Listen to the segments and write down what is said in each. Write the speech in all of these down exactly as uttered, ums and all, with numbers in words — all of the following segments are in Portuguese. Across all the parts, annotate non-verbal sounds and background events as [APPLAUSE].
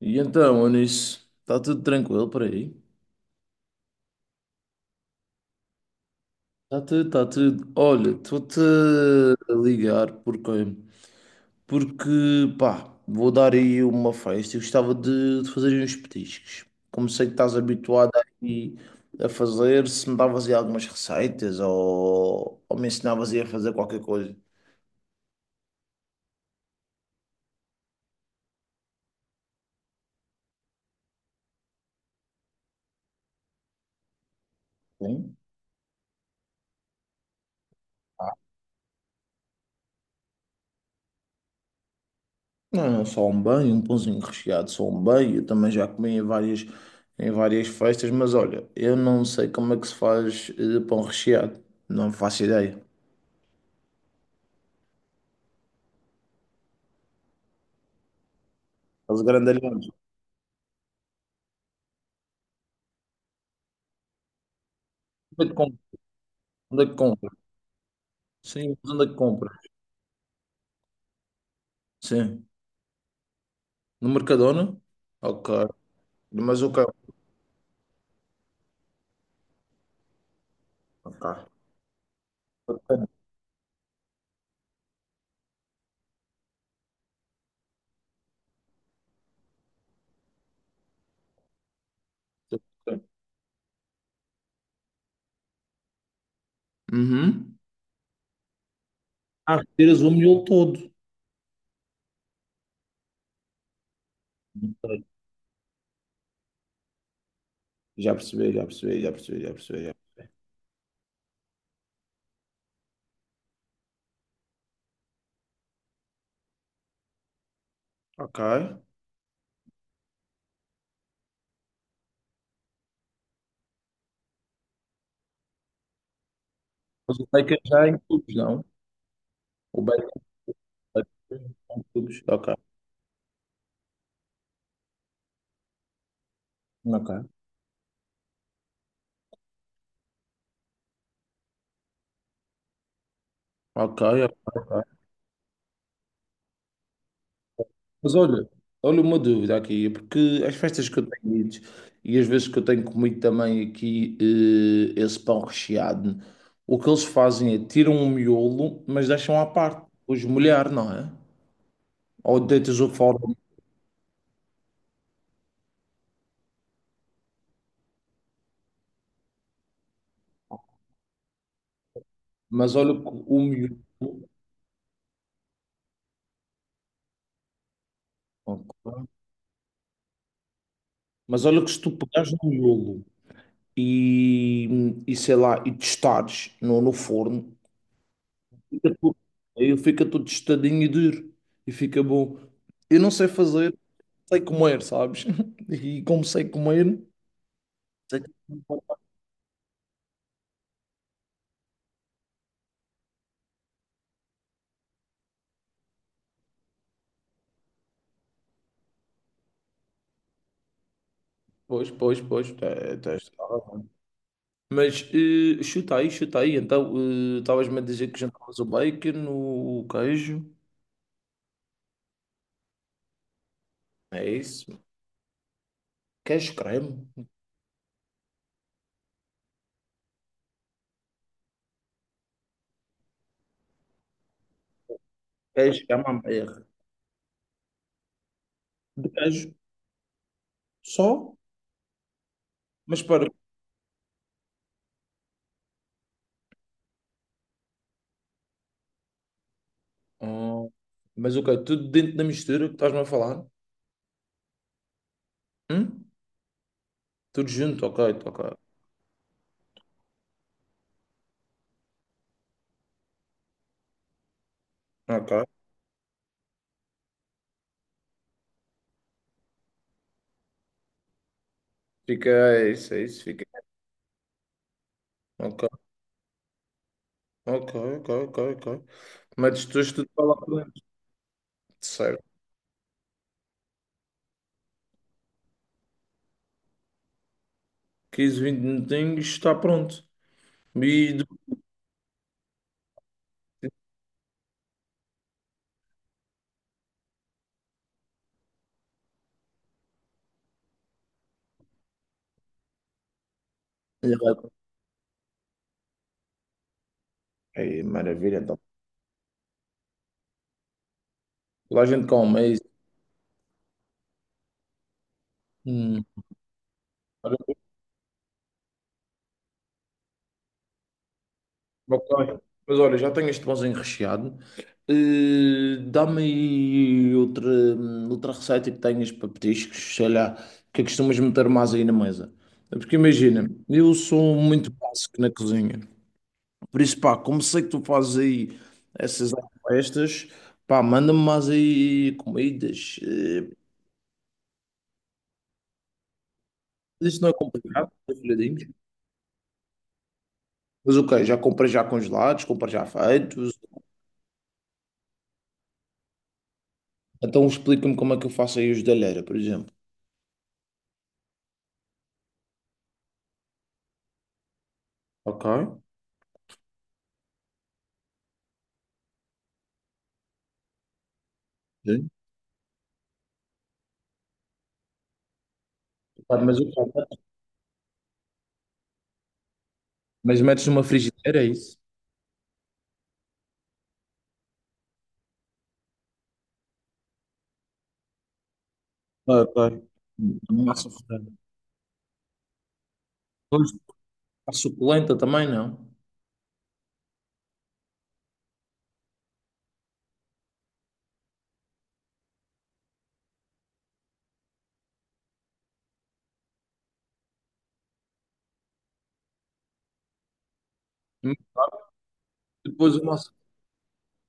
E então, Onis, está tudo tranquilo por aí? Está tudo, está tudo. Olha, estou-te a ligar porque, porque, pá, vou dar aí uma festa e gostava de, de fazer uns petiscos. Como sei que estás habituado aí a fazer, se me davas aí algumas receitas ou, ou me ensinavas aí a fazer qualquer coisa. Sim? Não, só um bem, um pãozinho recheado, só um bem. Eu também já comi em várias, em várias festas, mas olha, eu não sei como é que se faz eh, pão recheado. Não faço ideia. Os grandalhões. Onde é que compra? Onde é que compra? Sim, mas onde é que compra? Sim. No Mercadona? Ok. Mas o que Ok. Uhum. Ah, retiras o miolo todo. Ok. Já percebi, já percebi, já percebi, já percebi, já percebi. Ok. Mas o bacon já é em cubos, não? o bacon Ok, ok, ok, ok. Mas olha, olha uma dúvida aqui, porque as festas que eu tenho ido e as vezes que eu tenho comido também aqui eh, esse pão recheado, o que eles fazem é tiram o miolo, mas deixam à parte, os molhar, não é? Ou deitas-o fora, mas olha que o miolo. Ok. Mas olha que se tu pegares no miolo e, e sei lá, e testares no, no forno. Fica tudo- Aí ele fica todo tostadinho e duro. E fica bom. Eu não sei fazer, sei comer, sabes? [LAUGHS] E como sei comer. sei que- Pois, pois, pois. Tá- tá- está bom. Mas eh, chuta aí, chuta aí. Então, eh, estavas-me a dizer que jantavas o bacon, o queijo. É isso. Queijo creme. Queijo camembert. De queijo. Só? Mas para. Ah, mas ok, tudo dentro da mistura que estás-me a falar? Hum? Tudo junto, ok, ok. Ok. Fica, é isso, é isso, fica. Ok, ok, ok, ok, ok. Metes depois tudo para lá para dentro. Certo. quinze, vinte minutinhos, está pronto. E depois- Ei, maravilha, então. Lá a gente come, é isso. Hum, Maravilha. Ok. Mas olha, já tenho este pãozinho recheado. Eh, dá-me aí outra, outra receita que tenhas para petiscos, sei lá, que costumas meter mais aí na mesa. É porque imagina, eu sou muito básico na cozinha. Por isso, pá, como sei que tu fazes aí essas festas, pá, manda-me mais aí comidas. Eh. Isso não é complicado, folhadinhos. Mas ok, já comprei já congelados, comprei já feitos. Então explica-me como é que eu faço aí os da alheira, por exemplo. Ok. Sim. Pá, mas ok. Mas metes numa frigideira, é isso? Ok. Uma massa folhada. Depois a suculenta também, não? Depois a massa.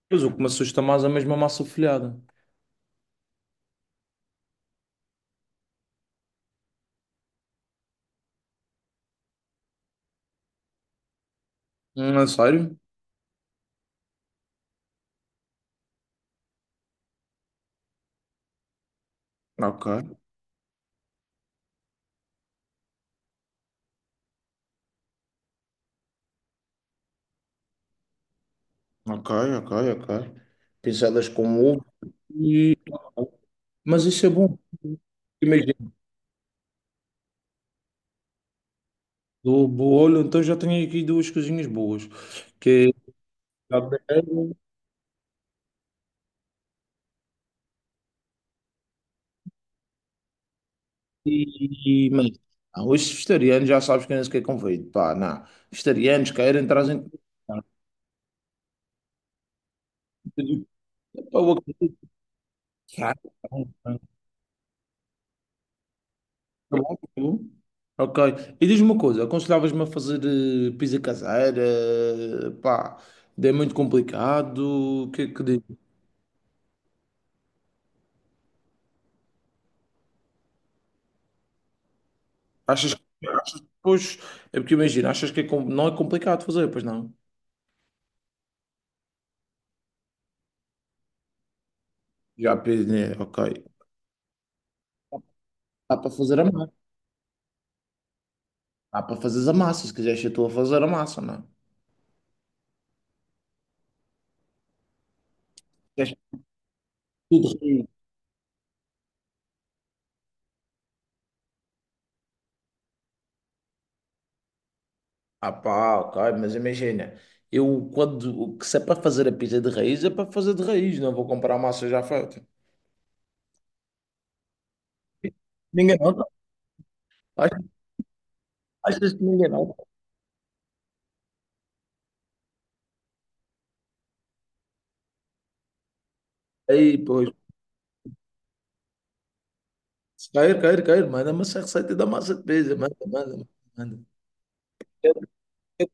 Depois o que me assusta mais é mesmo a massa folhada. Hum, é sério? Ok. Ok, ok, ok. Pinceladas com ovo e. Mas isso é bom. Imagina, do bolo, então já tenho aqui duas coisinhas boas, que é cabelo e, e mas, não, os vegetarianos já sabes quem é que é convido. Pá, não. Vegetarianos querem, trazem. Pá, eu acredito. Tá bom, tá bom. Ok. E diz-me uma coisa, aconselhavas-me a fazer eh, pizza caseira? Pá, é muito complicado. O que é que Achas que. Achas, que pois, é porque imagina, achas que é, com- não é complicado fazer, pois não? Já, pe- né, ok. Dá para fazer a massa. Dá para fazeres a massa, se quiseres ser tu a fazer a massa, não é? Quiseres tudo raiz. Ah pá, ok, mas imagina, eu quando, que se é para fazer a pizza de raiz, é para fazer de raiz, não vou comprar a massa já feita. Ninguém nota? Achas, achas que ninguém nota? Aí, pois, se cair, cair, cair, manda-me essa receita da massa de pizza, manda, manda, manda. Eu- eu-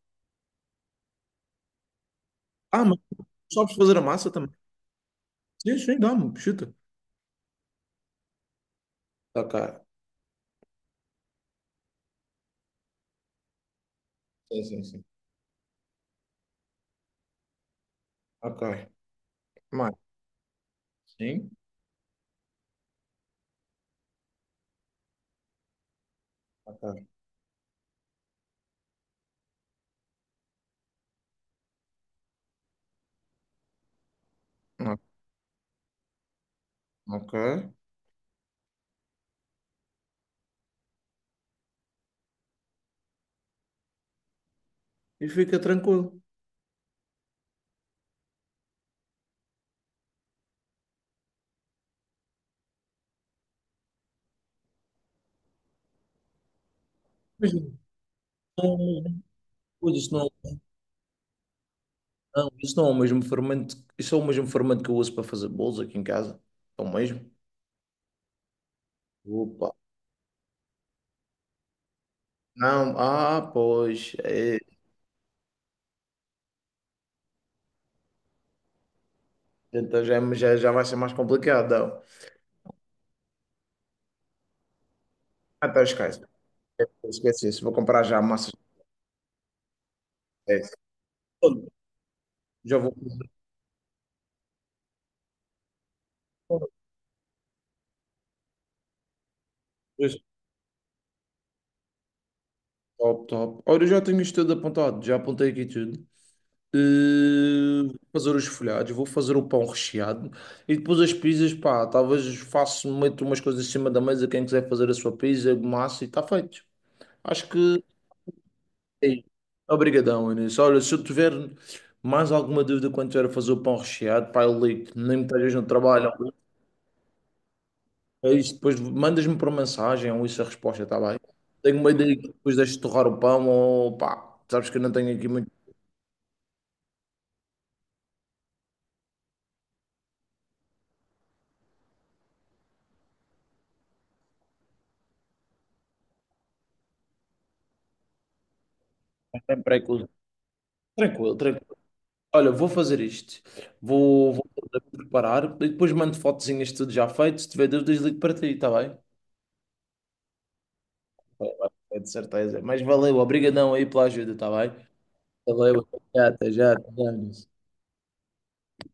Ah, mas tu sabes fazer a massa também? Sim, sim, dá, mano. Chuta. Ok. Sim, sim, sim. Ok. Mais. Sim. Ok. No- Ok. E fica tranquilo. Mas não é isso não, não, isso não é o mesmo fermento. Isso é o mesmo fermento que eu uso para fazer bolos aqui em casa. É o mesmo. Opa. Não, ah, pois. É, então já, é, já, já vai ser mais complicado. Não. Ah, então esquece. Esquece isso. Vou comprar já a massa. É, já vou. Top, top. Olha, eu já tenho isto tudo apontado. Já apontei aqui tudo. Eh, vou fazer os folhados, vou fazer o pão recheado e depois as pizzas, pá, talvez faço, meto umas coisas em cima da mesa, quem quiser fazer a sua pizza, massa e está feito. Acho que é isso. Obrigadão, Inês. Olha, se eu tiver mais alguma dúvida quando tiver a fazer o pão recheado, pá, eu ligo nem me estejas no trabalho. É isso, depois mandas-me por mensagem ou isso a resposta, está bem? Tenho uma ideia que depois deixo torrar o pão ou pá, sabes que eu não tenho aqui muito tempo para cozinhar. Tranquilo, tranquilo. Olha, vou fazer isto. Vou, vou preparar e depois mando fotozinhas de tudo já feito. Se tiver dúvidas, ligo para ti, está bem? É de certeza. Mas valeu, obrigadão aí pela ajuda, está bem? Valeu, até já, até já. Até já,